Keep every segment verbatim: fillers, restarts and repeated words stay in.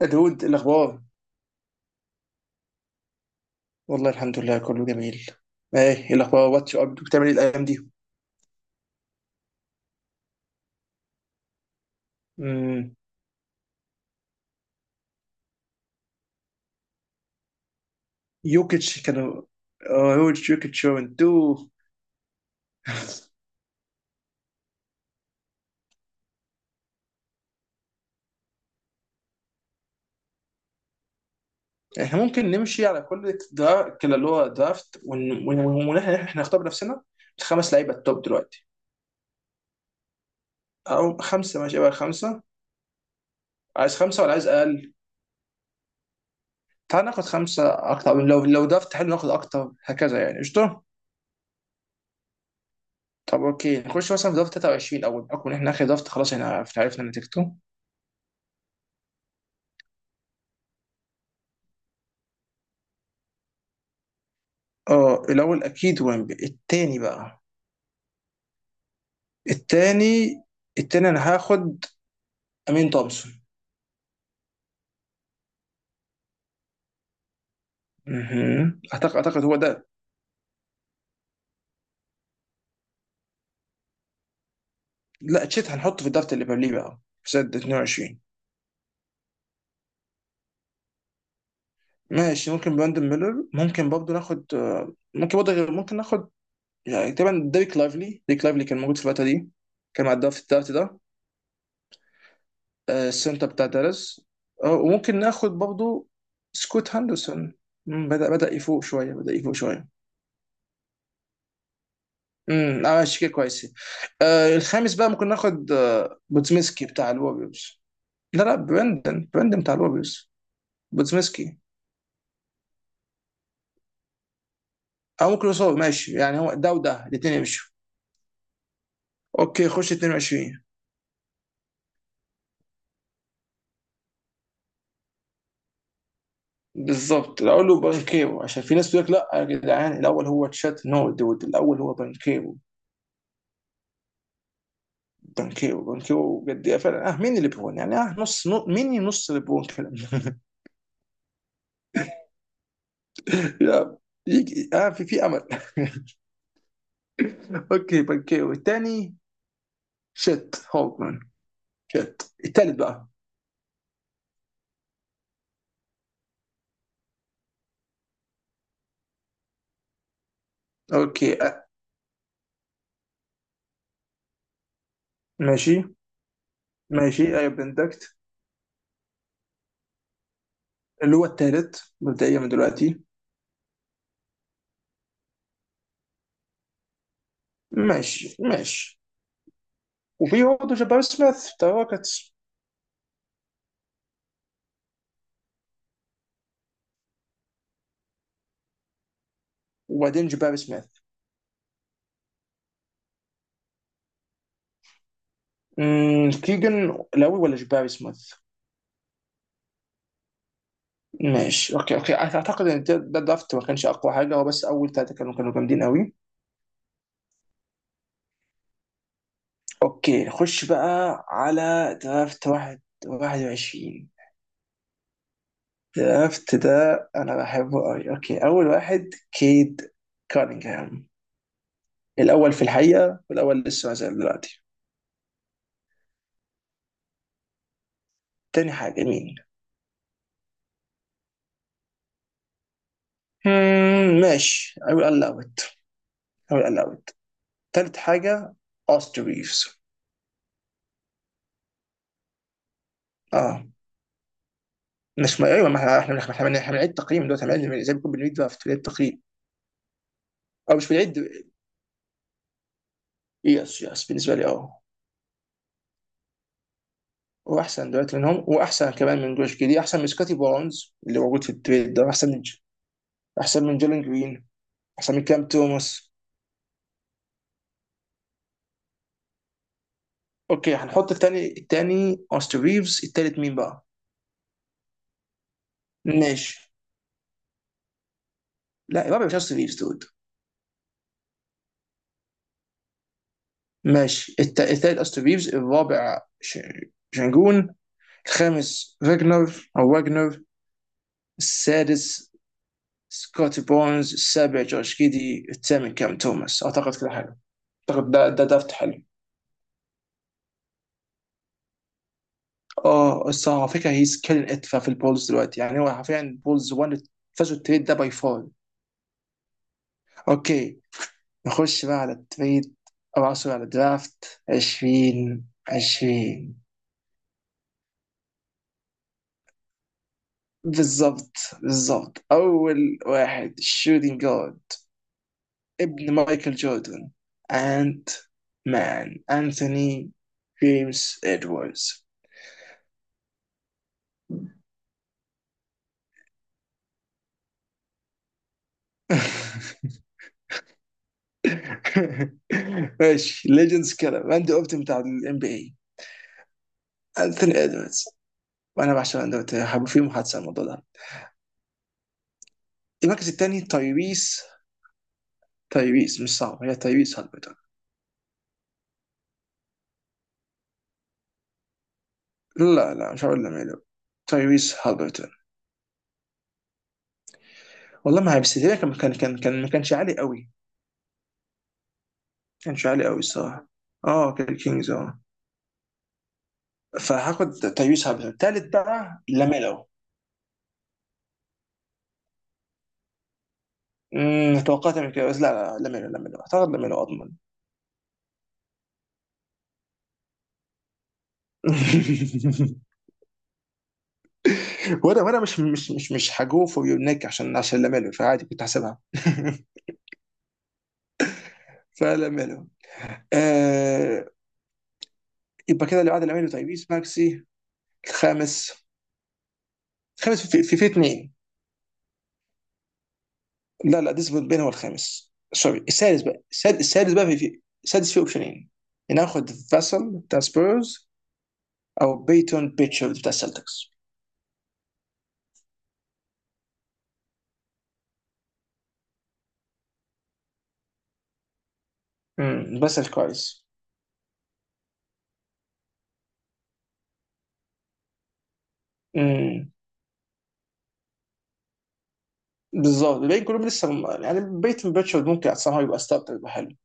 يا دود، إيه الاخبار؟ والله الحمد لله كله جميل. ايه. إيه الاخبار واتش اب؟ بتعمل ايه الايام دي؟ امم يوكيتش كانوا. آه، يوكيتش يوكيتش وانتو. احنا ممكن نمشي على كل درا... كلا اللي هو درافت ون... ون... ون... ون... احنا نختار بنفسنا الخمس لعيبه التوب دلوقتي. او خمسه، ماشي بقى خمسه. عايز خمسه ولا عايز اقل؟ تعال ناخد خمسه. اكتر، لو لو درافت حلو ناخد اكتر، هكذا يعني قشطه. طب اوكي، نخش مثلا في درافت تلاتة وعشرين اول بحكم ان احنا اخر درافت، خلاص احنا عرفنا نتيجته. اه، الاول اكيد ويمبي. التاني بقى. التاني، التاني انا هاخد امين تومسون. مهم. اعتقد اعتقد هو ده. لا، تشيت هنحطه في الدرافت اللي قبليه بقى، في سنه اتنين وعشرين. ماشي، ممكن براندن ميلر، ممكن برضه ناخد آه، ممكن برضه غير- ممكن ناخد يعني تقريبا ديريك لايفلي. ديريك لايفلي كان موجود في الفتره دي، كان مع الدرافت التالت ده. آه، السنتر بتاع دالاس. آه، وممكن ناخد برضه سكوت هاندرسون. مم، بدأ بدأ يفوق شويه، بدأ يفوق شويه. امم اه، ماشي كده كويسين. آه، الخامس بقى ممكن ناخد آه بوتسميسكي بتاع الوريوز. لا لا، برندن برندن بتاع الوريوز، بوتسميسكي. او ممكن يوصل، ماشي يعني هو ده وده الاثنين يمشوا. اوكي، خش اتنين وعشرين. بالظبط، الاول هو بانكيرو، عشان في ناس تقول لك لا يا جدعان الاول هو تشات. نو دود، الاول هو بانكيرو. بانكيرو بانكيرو بجد، إيه فعلا، اه مين ليبرون يعني؟ اه، نص، نو مين، نص ليبرون كده. لا، يجي، اه في في امل. اوكي، بانكيرو الثاني شت هولمان. شت التالت بقى. اوكي أ- ماشي، ماشي اي بندكت اللي هو التالت مبدئيا من دلوقتي. ماشي. ماشي، وفي برضه جباري سميث بتاع روكيتس. وبعدين جباري سميث. أمم، كيجن. الاول ولا جباري سميث؟ ماشي اوكي، اوكي. أعت- اعتقد ان ده ده درافت ما كانش اقوى حاجه، هو بس اول ثلاثه كانوا، كانوا جامدين قوي. اوكي، نخش بقى على درافت واحد 21. درافت ده انا بحبه قوي. اوكي، اول واحد كيد كانينغهام، الأول في الحقيقة والأول لسه ما زال دلوقتي. تاني حاجة مين؟ مم، ماشي. I will allow it. I will allow it. تالت حاجة أوستر ريفز. اه مش، ما ايوه، ما احنا احنا احنا احنا إحنا بنعيد تقييم دلوقتي، احنا بنعيد- زي ما كنا بنعيد بقى في تقييم، التقييم. او مش بنعيد. يس يس، بالنسبة لي اه. واحسن دلوقتي منهم، واحسن كمان من جوش جدي، احسن من سكوتي بونز اللي موجود في التريد ده، احسن من، احسن من جيلين جرين، احسن من كام توماس. اوكي، هنحط التاني. التاني اوستر ريفز. التالت مين بقى؟ ماشي. لا الرابع مش أستون ريفز دود. ماشي، الت- التالت أستون ريفز، الرابع ش- شنجون. الخامس فاجنر أو واجنر. السادس سكوتي بونز، السابع جورج كيدي، الثامن كام توماس. أعتقد كده حلو. أعتقد ده ده دافت حلو. اه الصراحة، على فكرة هيز كيلين ات في البولز دلوقتي، يعني هو حرفيا البولز وان فازوا التريد ده باي فول. اوكي، نخش بقى على التريد. او عصر على الدرافت عشرين. عشرين بالظبط، بالظبط اول واحد shooting guard، ابن مايكل جوردن، انت مان انثوني. جيمس ادواردز. ماشي، ليجندز كده راندي اورتن بتاع الام بي اي. انثوني ادواردز، وانا بعشق راندي اورتن، هبقى في محادثه عن الموضوع ده. المركز الثاني تايريس. تايريس مش صعب، هي تايريس هالبرتون. لا لا، مش هقول لميلو. تايريس هالبرتون. والله ما هيبس ليه، كان كان كان كان ما كانش عالي قوي. كانش عالي قوي الصراحه. اه كان كينجز اه. فهاخد تايوس هابرتون تالت بقى لاميلو. امم توقعت من كده بس، لا لا، لاميلو، لاميلو اعتقد لاميلو اضمن. وانا، وانا مش مش مش مش هجو فور يور نيك، عشان، عشان لاميلو فعادي كنت هحسبها. فلاميلو. آه، يبقى كده اللي بعد لاميلو تايويس ماكسي. الخامس، الخامس في، في, في اثنين. لا لا، ديسبوت بين هو الخامس، سوري. السادس بقى، السادس السادس بقى في، في السادس فيه اوبشنين. ناخد فاسل بتاع سبيرز، او بيتون بيتشارد بتاع السلتكس. بسأل كويس. امم بالظبط، الباقيين كلهم لسه م- يعني بيتون بيتشارد ممكن somehow يبقى ستارتر، يبقى حلو.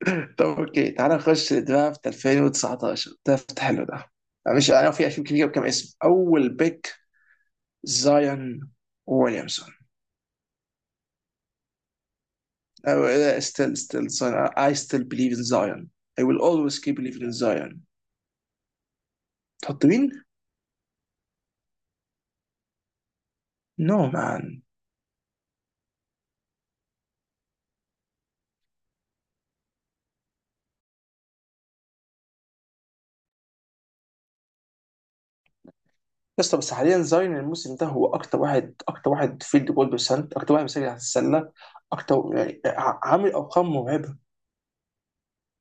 طب اوكي، تعالى نخش درافت ألفين وتسعة عشر، درافت حلو ده. مش انا، في، في كتير كم اسم. اول بيك زايون ويليامسون. ستيل، ستيل. اي ستيل بليف ان زايون. I will always keep believing in Zion. تحط مين؟ No man. اسطى، بس حاليا زاين الموسم ده هو اكتر واحد، اكتر واحد فيلد جول برسنت، اكتر واحد مسجل على السله، اكتر يعني، ع- عامل ارقام مرعبه.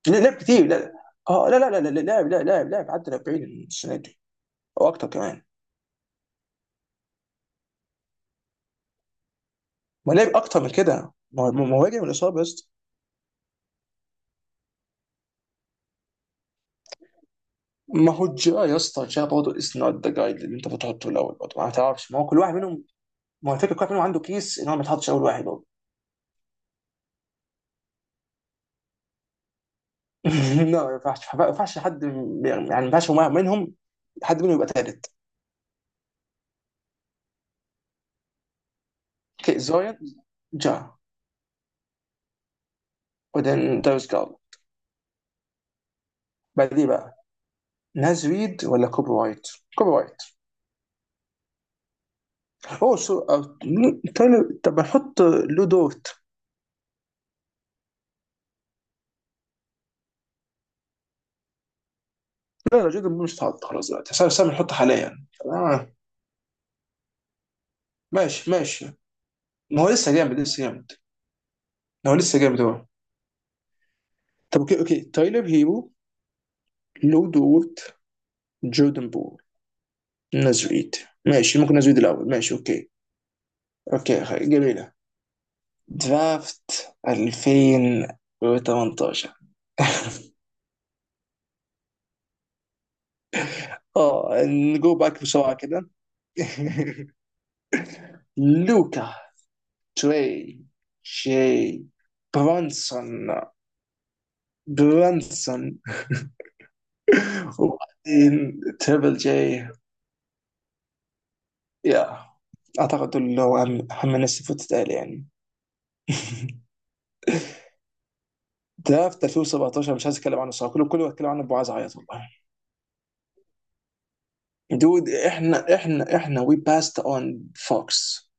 لا- لعب كتير، لا. اه لا لا لا لا، لاعب لا، لاعب لاعب عدى أربعين السنه دي او اكتر كمان. ما لعب اكتر من كده، ما هو ما هو راجع من الاصابه يا اسطى. ما هو جا يا اسطى، جا برضه، از نوت ذا جايد اللي انت بتحطه الاول برضه، ما تعرفش ما هو كل واحد منهم. ما هو الفكره كل واحد منهم عنده كيس ان هو ما يتحطش اول واحد برضه. لا، ما ينفعش ما ينفعش حد، يعني ما ينفعش منهم حد منهم يبقى ثالث. اوكي، جا. وبعدين داريس جال. بعديه بقى ناز ريد ولا كوبي وايت؟ كوبي وايت. اوه سو، آه، تايلر. طب احط لو دورت. لا لا جدا، مش هتحط خلاص دلوقتي سام، سام نحط حاليا. آه. ماشي، ماشي. ما هو لسه جامد، لسه جامد. ما هو لسه جامد هو. طب اوكي، اوكي تايلر هيرو، لو دورت، جوردن بول، ناز ريد. ماشي، ممكن ناز ريد الاول، ماشي اوكي. اوكي خ- جميلة. درافت ألفين وتمنتاشر. اه، نجو باك بسرعة كده. لوكا، تري، شي، برونسون. برونسون. وبعدين تريبل جي. يا. اعتقد دول اللي هو اهم، اهم الناس اللي فوتت قال يعني. درافت ألفين وسبعتاشر مش عايز اتكلم عنه صراحه، كله، كله بتكلم عنه ابو، عايز اعيط والله. دود، احنا احنا احنا وي باست اون فوكس،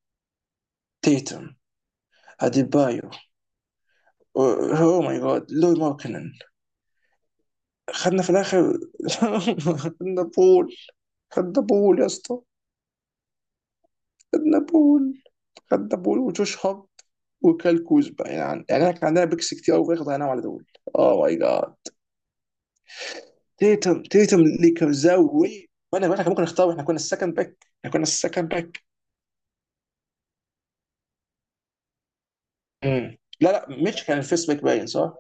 تيتم، اديبايو. او ماي جاد لوي ماركنن. خدنا في الاخر. خدنا بول. خدنا بول يا اسطى. خدنا بول. خدنا بول وجوش هارت وكال كوزبا، يعني عن- يعني احنا كان عندنا بيكس كتير قوي في ضيعناهم على دول. اوه ماي جاد. تيتم، تيتم اللي كان زوي، وانا واحنا كان ممكن نختار، احنا كنا السكند باك، احنا كنا السكند باك. مم. لا لا، ميتش كان الفيرست باك باين صح؟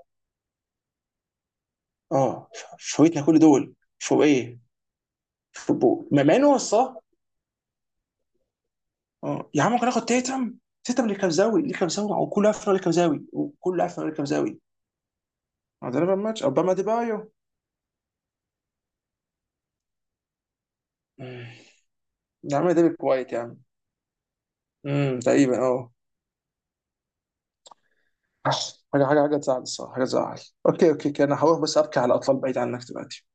اه، ف- فوتنا كل دول فوق ايه؟ فوق بول، ما مع انه هو الصح. اه يا عم، ممكن ناخد تيتم. تيتم اللي كان زاوي، اللي كان زاوي وكل عفره، اللي كان زاوي وكل عفره، اللي كان زاوي. ده ماتش اوباما ديبايو. مم. يا عم ده وايت يا عم. امم تقريبا اه. حاجه حاجه حاجه تزعل الصراحه، حاجه تزعل. اوكي، اوكي، اوكي، انا هروح بس ابكي على اطلال بعيد عنك دلوقتي.